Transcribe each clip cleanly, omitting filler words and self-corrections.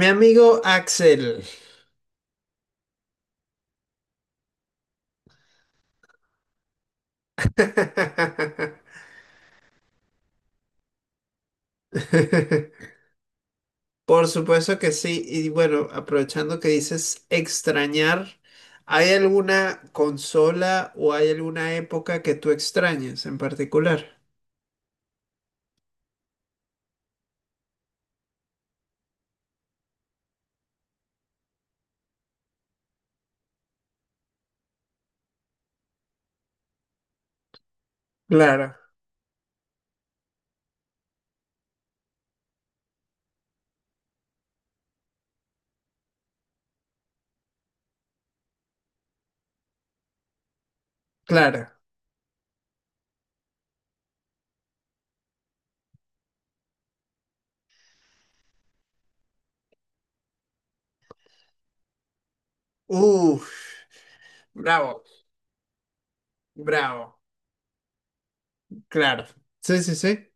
Mi amigo Axel. Por supuesto que sí. Y bueno, aprovechando que dices extrañar, ¿hay alguna consola o hay alguna época que tú extrañes en particular? Claro, claro. Uf, bravo, bravo. Claro. Sí, sí, sí.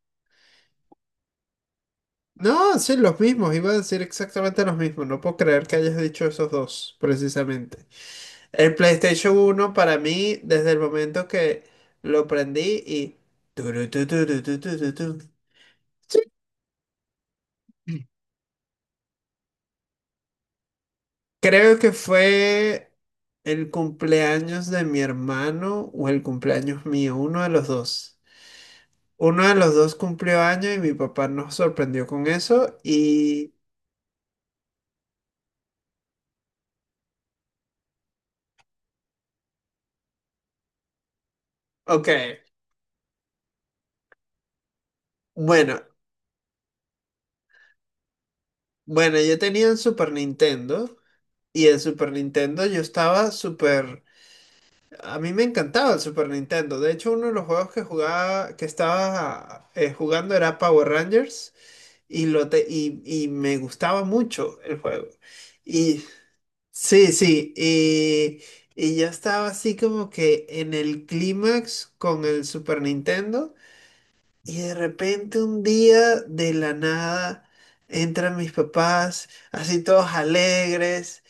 No, sí, los mismos. Iba a decir exactamente los mismos. No puedo creer que hayas dicho esos dos, precisamente. El PlayStation uno para mí, desde el momento que lo prendí y turu, tu, tu, tu, tu, tu, tu, tu. Creo que fue el cumpleaños de mi hermano o el cumpleaños mío, uno de los dos. Uno de los dos cumplió año y mi papá nos sorprendió con eso. Y... Ok, bueno, bueno, yo tenía el Super Nintendo y el Super Nintendo yo estaba súper. A mí me encantaba el Super Nintendo. De hecho, uno de los juegos que jugaba, que estaba jugando era Power Rangers y, y me gustaba mucho el juego. Y sí, y yo estaba así como que en el clímax con el Super Nintendo y de repente un día de la nada entran mis papás así todos alegres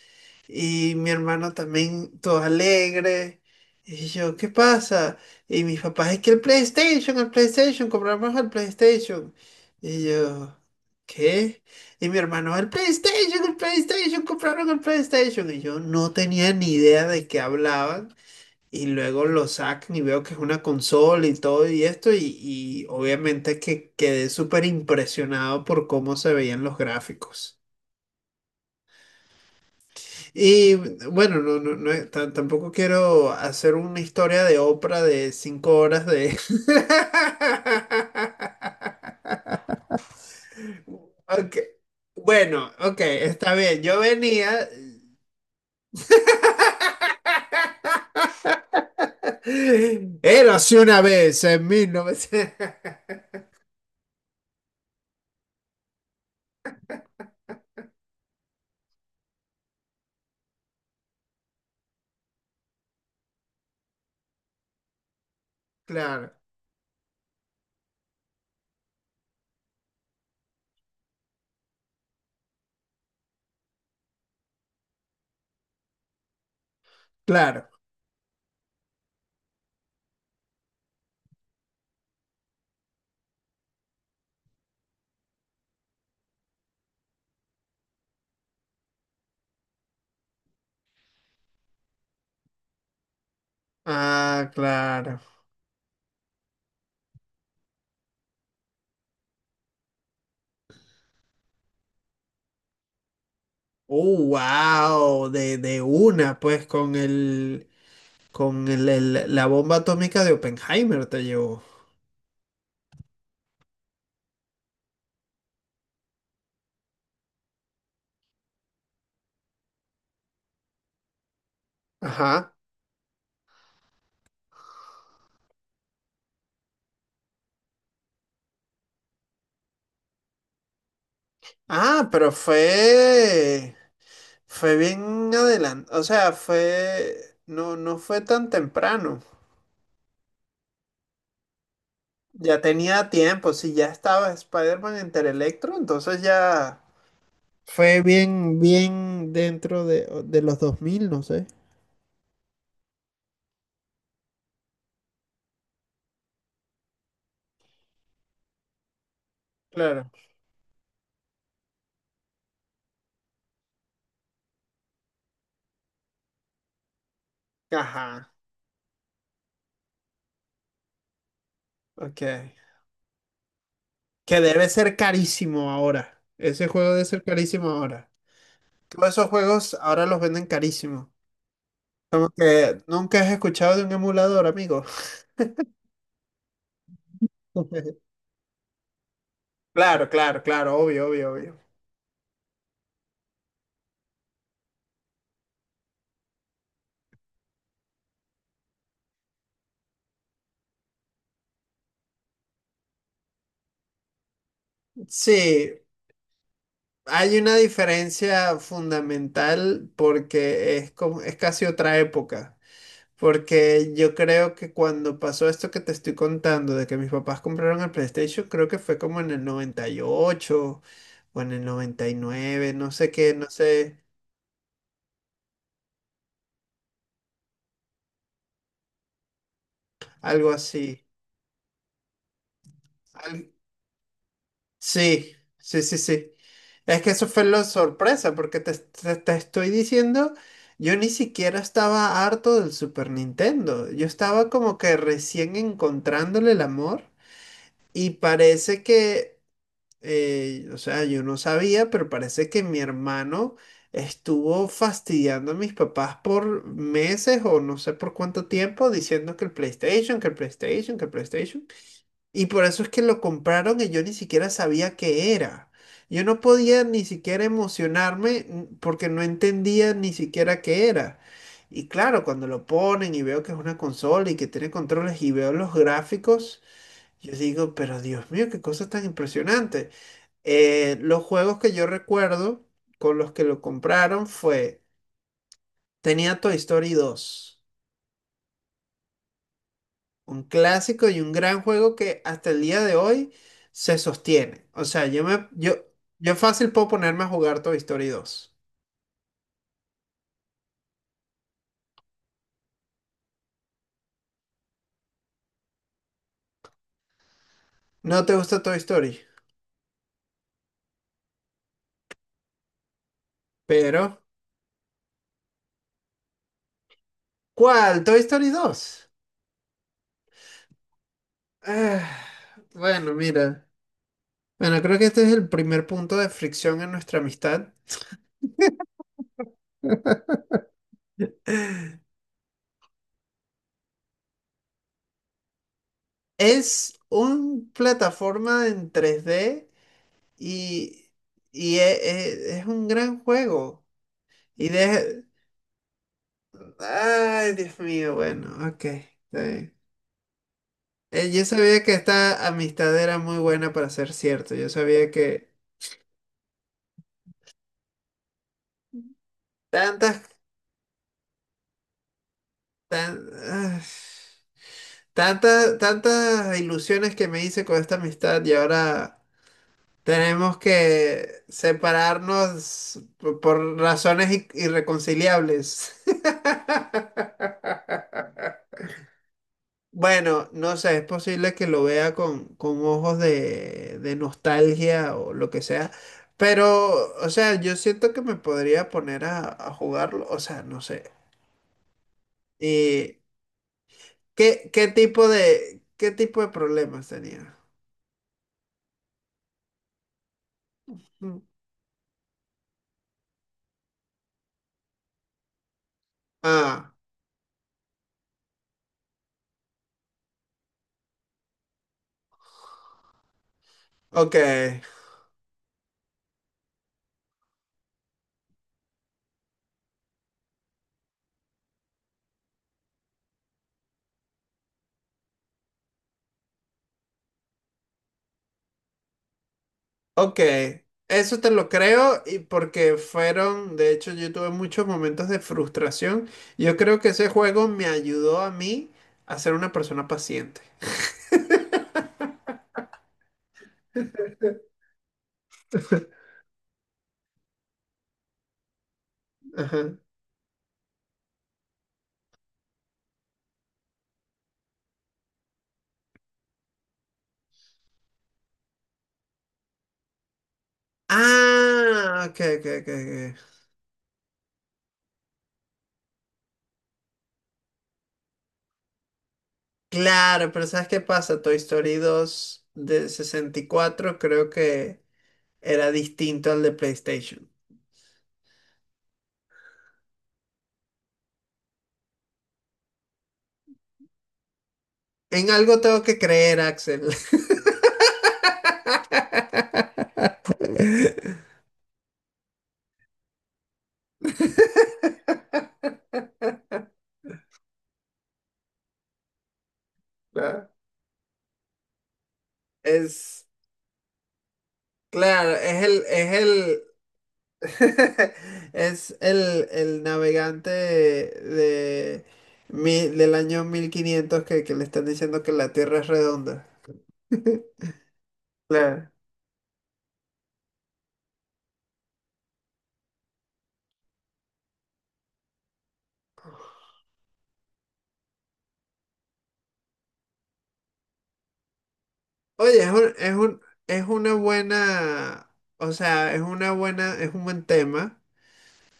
y mi hermano también, todo alegre. Y yo, ¿qué pasa? Y mis papás, es que el PlayStation, compramos el PlayStation. Y yo, ¿qué? Y mi hermano, el PlayStation, compraron el PlayStation. Y yo no tenía ni idea de qué hablaban. Y luego lo sacan y veo que es una consola y todo y esto. Y obviamente que quedé súper impresionado por cómo se veían los gráficos. Y bueno, tampoco quiero hacer una historia de Oprah de 5 horas de Ok. Bueno, ok, está bien. Yo venía. Érase una vez en mil novecientos Claro, claro. Ah, claro. Wow, de una, pues con el. Con la bomba atómica de Oppenheimer te llevó. Ajá. Ah, pero fue. Fue bien adelante, o sea, fue, no, no fue tan temprano. Ya tenía tiempo, si ya estaba Spider-Man entre Electro, entonces ya. Fue bien, bien dentro de los 2000 no sé. Claro. Ajá, ok. Que debe ser carísimo ahora. Ese juego debe ser carísimo ahora. Todos esos juegos ahora los venden carísimo. Como que nunca has escuchado de un emulador, amigo. Claro, claro, claro, obvio, obvio, obvio. Sí, hay una diferencia fundamental porque es como, es casi otra época. Porque yo creo que cuando pasó esto que te estoy contando, de que mis papás compraron el PlayStation, creo que fue como en el 98 o en el 99 no sé qué, no sé, algo así. Al- Sí, sí, sí, sí. Es que eso fue la sorpresa, porque te estoy diciendo, yo ni siquiera estaba harto del Super Nintendo. Yo estaba como que recién encontrándole el amor y parece que, o sea, yo no sabía, pero parece que mi hermano estuvo fastidiando a mis papás por meses o no sé por cuánto tiempo diciendo que el PlayStation, que el PlayStation, que el PlayStation. Y por eso es que lo compraron y yo ni siquiera sabía qué era. Yo no podía ni siquiera emocionarme, porque no entendía ni siquiera qué era. Y claro, cuando lo ponen y veo que es una consola y que tiene controles y veo los gráficos, yo digo, pero Dios mío, qué cosa tan impresionante. Los juegos que yo recuerdo con los que lo compraron fue, tenía Toy Story 2. Un clásico y un gran juego que hasta el día de hoy se sostiene. O sea, yo, yo fácil puedo ponerme a jugar Toy Story 2. No te gusta Toy Story, pero ¿cuál? Toy Story 2. Ah, bueno, mira. Bueno, creo que este es el primer punto de fricción en nuestra amistad. Es un plataforma en 3D y, es un gran juego. Y de- Ay, Dios mío, bueno, ok, está bien. Yo sabía que esta amistad era muy buena para ser cierto. Yo sabía que tantas, tan- ah, tantas, tantas ilusiones que me hice con esta amistad y ahora tenemos que separarnos por razones irreconciliables. Bueno, no sé, es posible que lo vea con ojos de nostalgia o lo que sea, pero, o sea, yo siento que me podría poner a jugarlo, o sea, no sé. ¿Y qué, qué tipo de problemas tenía? Mm. Ah, ok, ok. Eso te lo creo y porque fueron, de hecho, yo tuve muchos momentos de frustración. Yo creo que ese juego me ayudó a mí a ser una persona paciente. Ajá. Ah, ok, ok, ok. Ok. Claro, pero ¿sabes qué pasa? Toy Story 2 de 64, creo que era distinto al de PlayStation. En algo tengo que creer, Axel. Claro. Es, claro, es el, el navegante de, del año 1500 que le están diciendo que la Tierra es redonda. Claro. Oye, es una buena, o sea, es una buena, es un buen tema.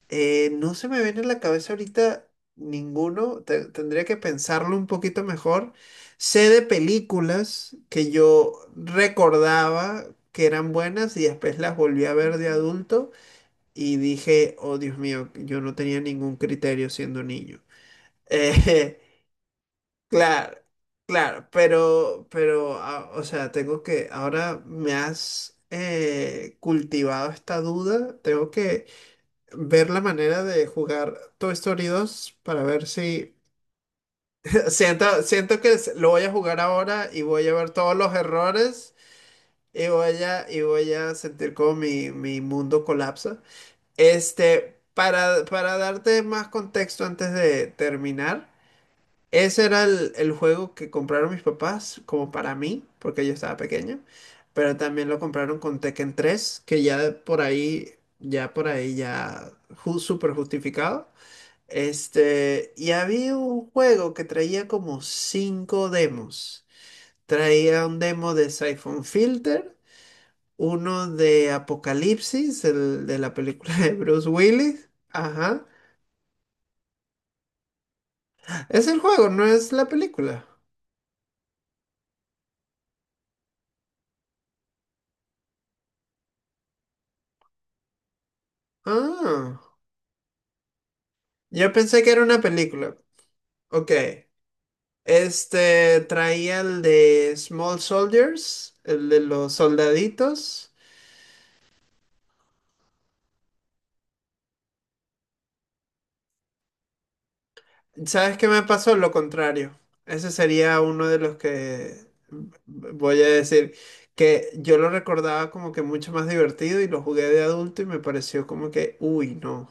No se me viene a la cabeza ahorita ninguno, tendría que pensarlo un poquito mejor. Sé de películas que yo recordaba que eran buenas y después las volví a ver de adulto y dije, oh Dios mío, yo no tenía ningún criterio siendo niño. Claro, claro, pero, o sea, tengo que, ahora me has cultivado esta duda, tengo que ver la manera de jugar Toy Story 2 para ver si, siento que lo voy a jugar ahora y voy a ver todos los errores y voy a sentir como mi mundo colapsa. Este, para darte más contexto antes de terminar. Ese era el juego que compraron mis papás, como para mí, porque yo estaba pequeño. Pero también lo compraron con Tekken 3 que ya por ahí, ya por ahí, ya súper justificado. Este, y había un juego que traía como 5 demos. Traía un demo de Siphon Filter, uno de Apocalipsis, el de la película de Bruce Willis. Ajá. Es el juego, no es la película. Ah. Yo pensé que era una película. Ok. Este traía el de Small Soldiers, el de los soldaditos. ¿Sabes qué me pasó? Lo contrario. Ese sería uno de los que v- voy a decir que yo lo recordaba como que mucho más divertido y lo jugué de adulto y me pareció como que, uy, no.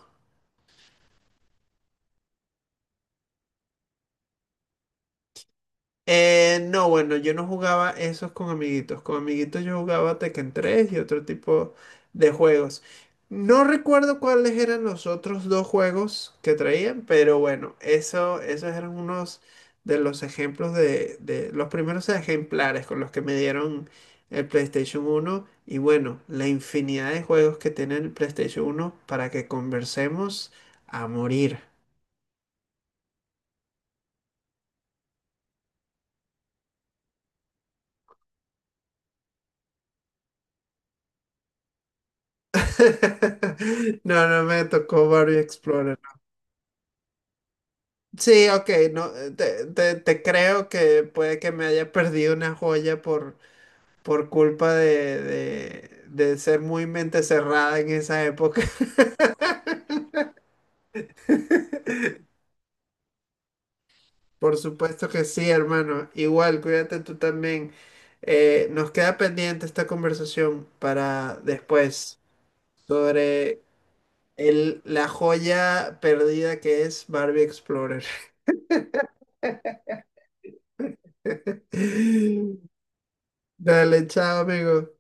No, bueno, yo no jugaba esos con amiguitos. Con amiguitos yo jugaba Tekken 3 y otro tipo de juegos. No recuerdo cuáles eran los otros dos juegos que traían, pero bueno, eso, esos eran unos de los ejemplos de los primeros ejemplares con los que me dieron el PlayStation uno. Y bueno, la infinidad de juegos que tiene el PlayStation uno para que conversemos a morir. No, no me tocó Mario Explorer. Sí, ok, no, te creo que puede que me haya perdido una joya por culpa de ser muy mente cerrada en esa época. Por supuesto que sí, hermano. Igual, cuídate tú también. Nos queda pendiente esta conversación para después sobre el, la joya perdida que es Barbie Explorer. Dale, chao, amigo.